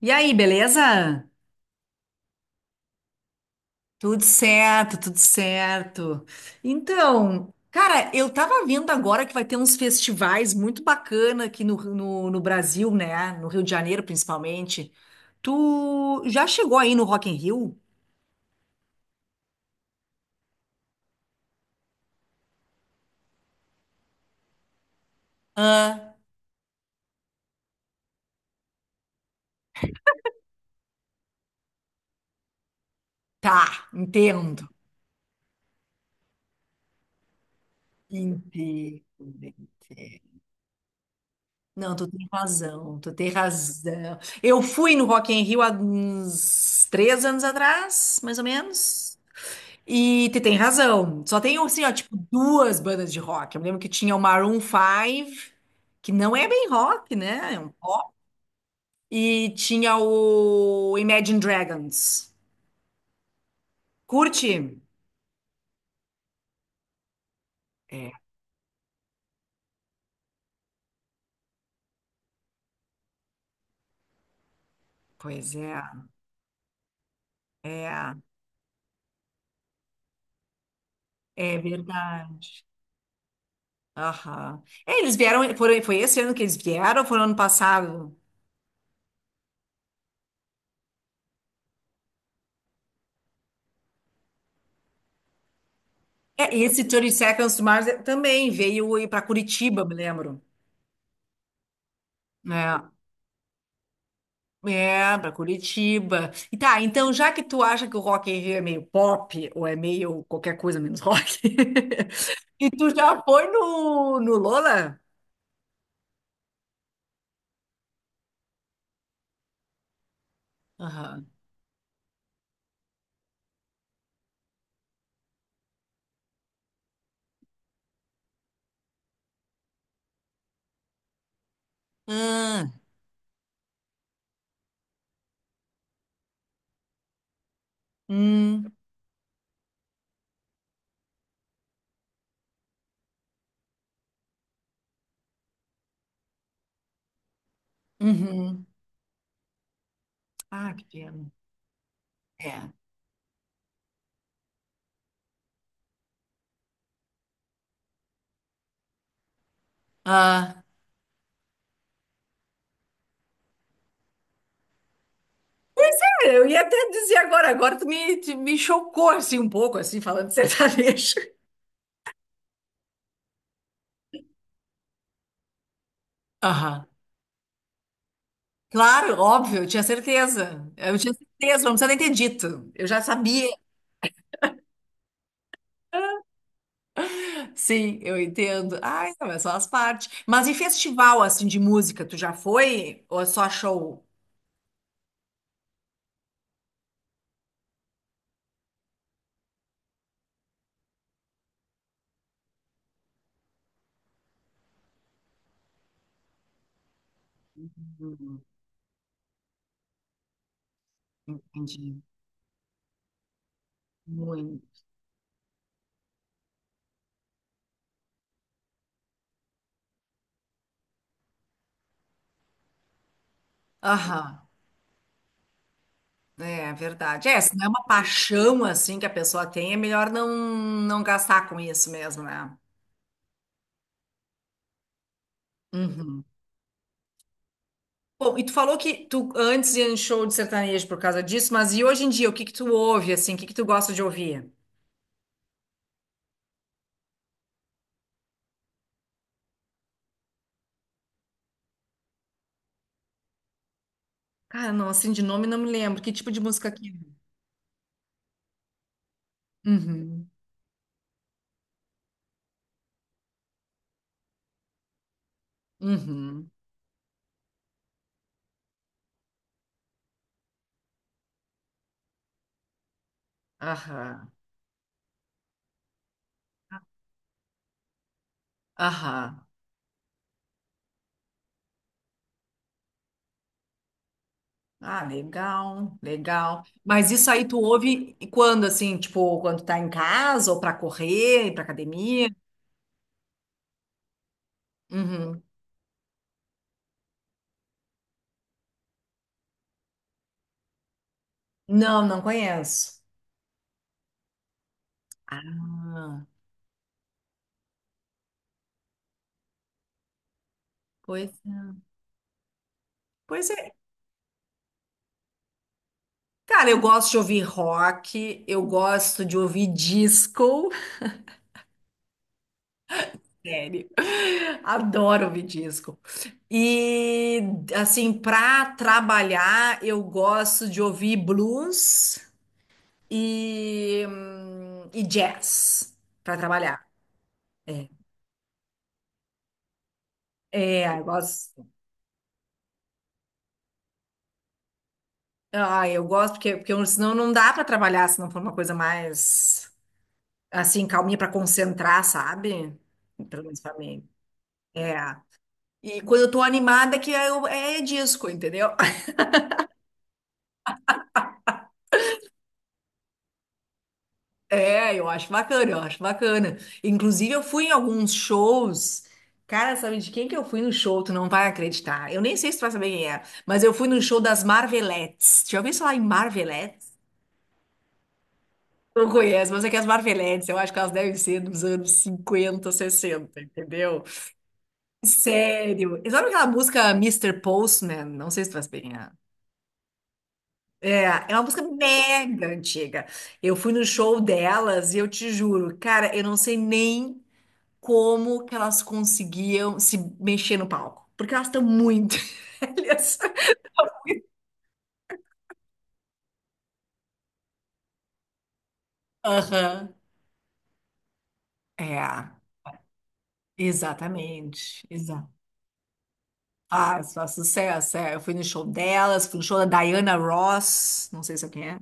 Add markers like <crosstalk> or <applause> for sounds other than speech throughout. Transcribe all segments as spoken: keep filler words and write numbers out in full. E aí, beleza? Tudo certo, tudo certo. Então, cara, eu tava vendo agora que vai ter uns festivais muito bacana aqui no, no, no Brasil, né? No Rio de Janeiro, principalmente. Tu já chegou aí no Rock in Rio? Ah, tá, entendo. Entendo. Não, tu tem razão, tu tem razão. Eu fui no Rock in Rio há uns três anos atrás, mais ou menos. E tu tem razão. Só tem, assim, ó, tipo, duas bandas de rock. Eu me lembro que tinha o Maroon five, que não é bem rock, né? É um pop. E tinha o Imagine Dragons. Curte? É, pois é. É, é verdade. Aham. É, eles vieram, foram, foi esse ano que eles vieram, ou foi no ano passado? É, e esse thirty Seconds to Mars também veio para Curitiba, me lembro. É. É, pra Curitiba. E tá, então já que tu acha que o Rock in Rio é meio pop, ou é meio qualquer coisa menos rock, <laughs> e tu já foi no, no Lola? Aham. Ah, hum, uhum. Ah, que pena. É. Ah, é, eu ia até dizer agora, agora tu me, tu me chocou assim um pouco, assim, falando <laughs> de sertanejo. Aham. Claro, óbvio, eu tinha certeza. Eu tinha certeza, não precisa nem ter dito. Eu já sabia. Sim, eu entendo. Ai, não, mas só as partes. Mas e festival, assim, de música, tu já foi? Ou é só show? Hum, Entendi. Muito. Aham, é é verdade. É, se não é uma paixão, assim, que a pessoa tem, é melhor não, não gastar com isso mesmo, né? Uhum. Bom, e tu falou que tu antes ia em show de sertanejo por causa disso, mas e hoje em dia, o que que tu ouve, assim, o que que tu gosta de ouvir? Cara, não, assim, de nome não me lembro. Que tipo de música que é? Uhum, uhum, aham, aham. Ah, legal, legal. Mas isso aí tu ouve quando, assim, tipo, quando tá em casa ou pra correr, ir pra academia? Uhum. Não, não conheço. Ah, pois é. Pois é. Cara, eu gosto de ouvir rock, eu gosto de ouvir disco. <laughs> Sério. Adoro ouvir disco. E, assim, pra trabalhar, eu gosto de ouvir blues e, hum, e jazz pra trabalhar. É, eu gosto. Ah, eu gosto porque, porque eu- senão não dá pra trabalhar se não for uma coisa mais assim, calminha pra concentrar, sabe? Pelo menos pra mim. É. E quando eu tô animada, que eu, é disco, entendeu? <laughs> É, eu acho bacana, eu acho bacana. Inclusive, eu fui em alguns shows. Cara, sabe de quem que eu fui no show? Tu não vai acreditar. Eu nem sei se tu vai saber quem é, mas eu fui no show das Marvelettes. Já ouviu falar em Marvelettes? Não conhece, mas é que as Marvelettes, eu acho que elas devem ser dos anos cinquenta, sessenta, entendeu? Sério. E sabe aquela música mister Postman? Não sei se tu faz bem. a- É, é é uma música mega antiga. Eu fui no show delas e eu te juro, cara, eu não sei nem como que elas conseguiam se mexer no palco. Porque elas estão muito <laughs> velhas. Aham. É, exatamente. Ah, só sucesso, é. Eu fui no show delas, fui no show da Diana Ross, não sei se é quem é,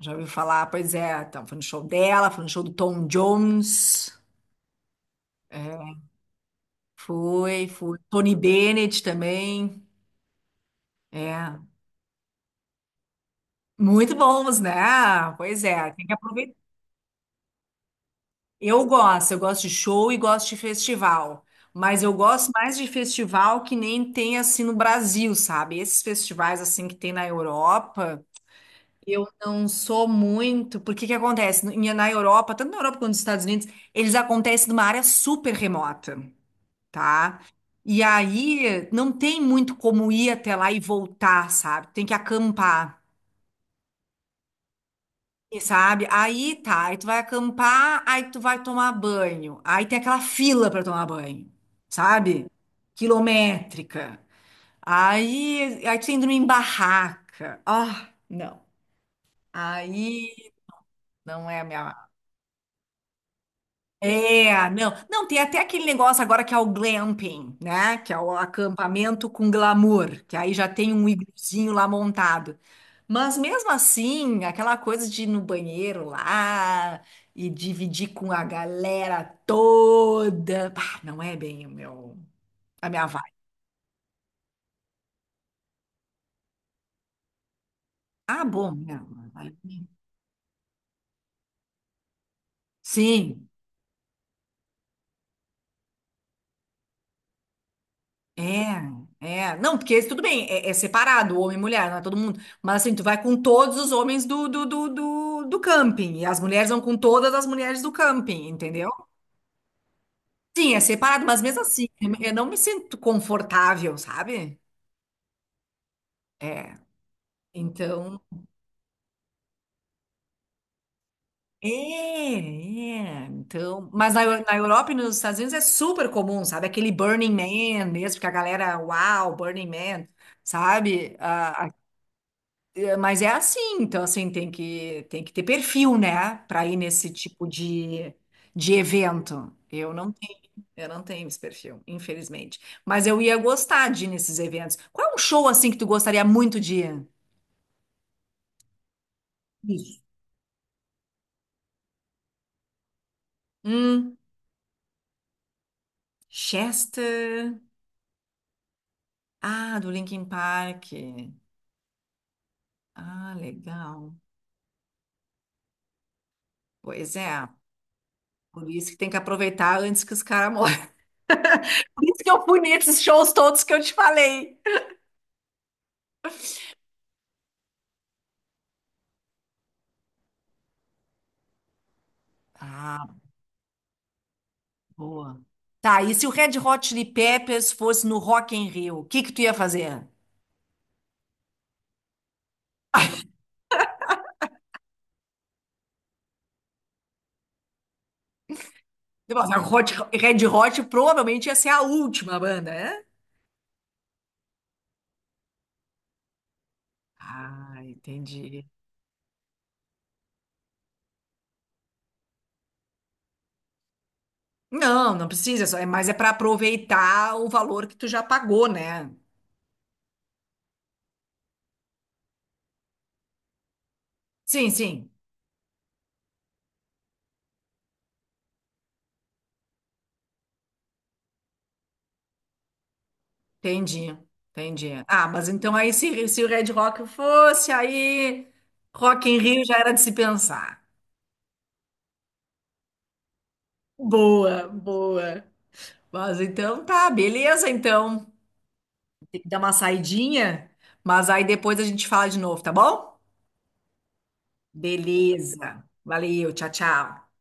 já ouviu falar, pois é, então, fui no show dela, fui no show do Tom Jones, é, fui, fui, Tony Bennett também, é, muito bons, né? Pois é, tem que aproveitar. Eu gosto, eu gosto de show e gosto de festival, mas eu gosto mais de festival que nem tem assim no Brasil, sabe? Esses festivais assim que tem na Europa, eu não sou muito, porque que acontece? No- em- Na Europa, tanto na Europa quanto nos Estados Unidos, eles acontecem numa área super remota, tá? E aí não tem muito como ir até lá e voltar, sabe? Tem que acampar, e sabe? Aí tá, aí tu vai acampar, aí tu vai tomar banho. Aí tem aquela fila para tomar banho, sabe? Quilométrica. Aí, aí tu indo em barraca. Ah, não. Aí não é a minha. É, não. Não, tem até aquele negócio agora que é o glamping, né? Que é o acampamento com glamour, que aí já tem um igluzinho lá montado. Mas mesmo assim, aquela coisa de ir no banheiro lá e dividir com a galera toda, bah, não é bem o meu, a minha vibe. Ah, bom, né? Sim. É, é. Não, porque tudo bem, é, é separado, homem e mulher, não é todo mundo. Mas assim, tu vai com todos os homens do, do, do, do, do camping. E as mulheres vão com todas as mulheres do camping, entendeu? Sim, é separado, mas mesmo assim, eu não me sinto confortável, sabe? É. Então. É, é. Então. Mas na, Eu- na Europa e nos Estados Unidos é super comum, sabe? Aquele Burning Man mesmo, que a galera, uau, Burning Man, sabe? Ah, mas é assim, então assim, tem que, tem que ter perfil, né, para ir nesse tipo de, de evento. Eu não tenho, eu não tenho esse perfil, infelizmente. Mas eu ia gostar de ir nesses eventos. Qual é um show assim que tu gostaria muito de ir? Isso. Hum, Chester. Ah, do Linkin Park. Ah, legal. Pois é. Por isso que tem que aproveitar antes que os caras morram. <laughs> Por isso que eu fui nesses shows todos que eu te falei. Ah. Boa. Tá, e se o Red Hot Chili Peppers fosse no Rock in Rio, o que que tu ia fazer? <laughs> Nossa, Hot- Red Hot provavelmente ia ser a última banda, né? Ah, entendi. Não, não precisa, só- é- mas é para aproveitar o valor que tu já pagou, né? Sim, sim, entendi, entendi. Ah, mas então aí se, se o Red Rock fosse, aí Rock in Rio já era de se pensar. Boa, boa. Mas então tá, beleza então. Dá uma saidinha, mas aí depois a gente fala de novo, tá bom? Beleza. Valeu, tchau, tchau.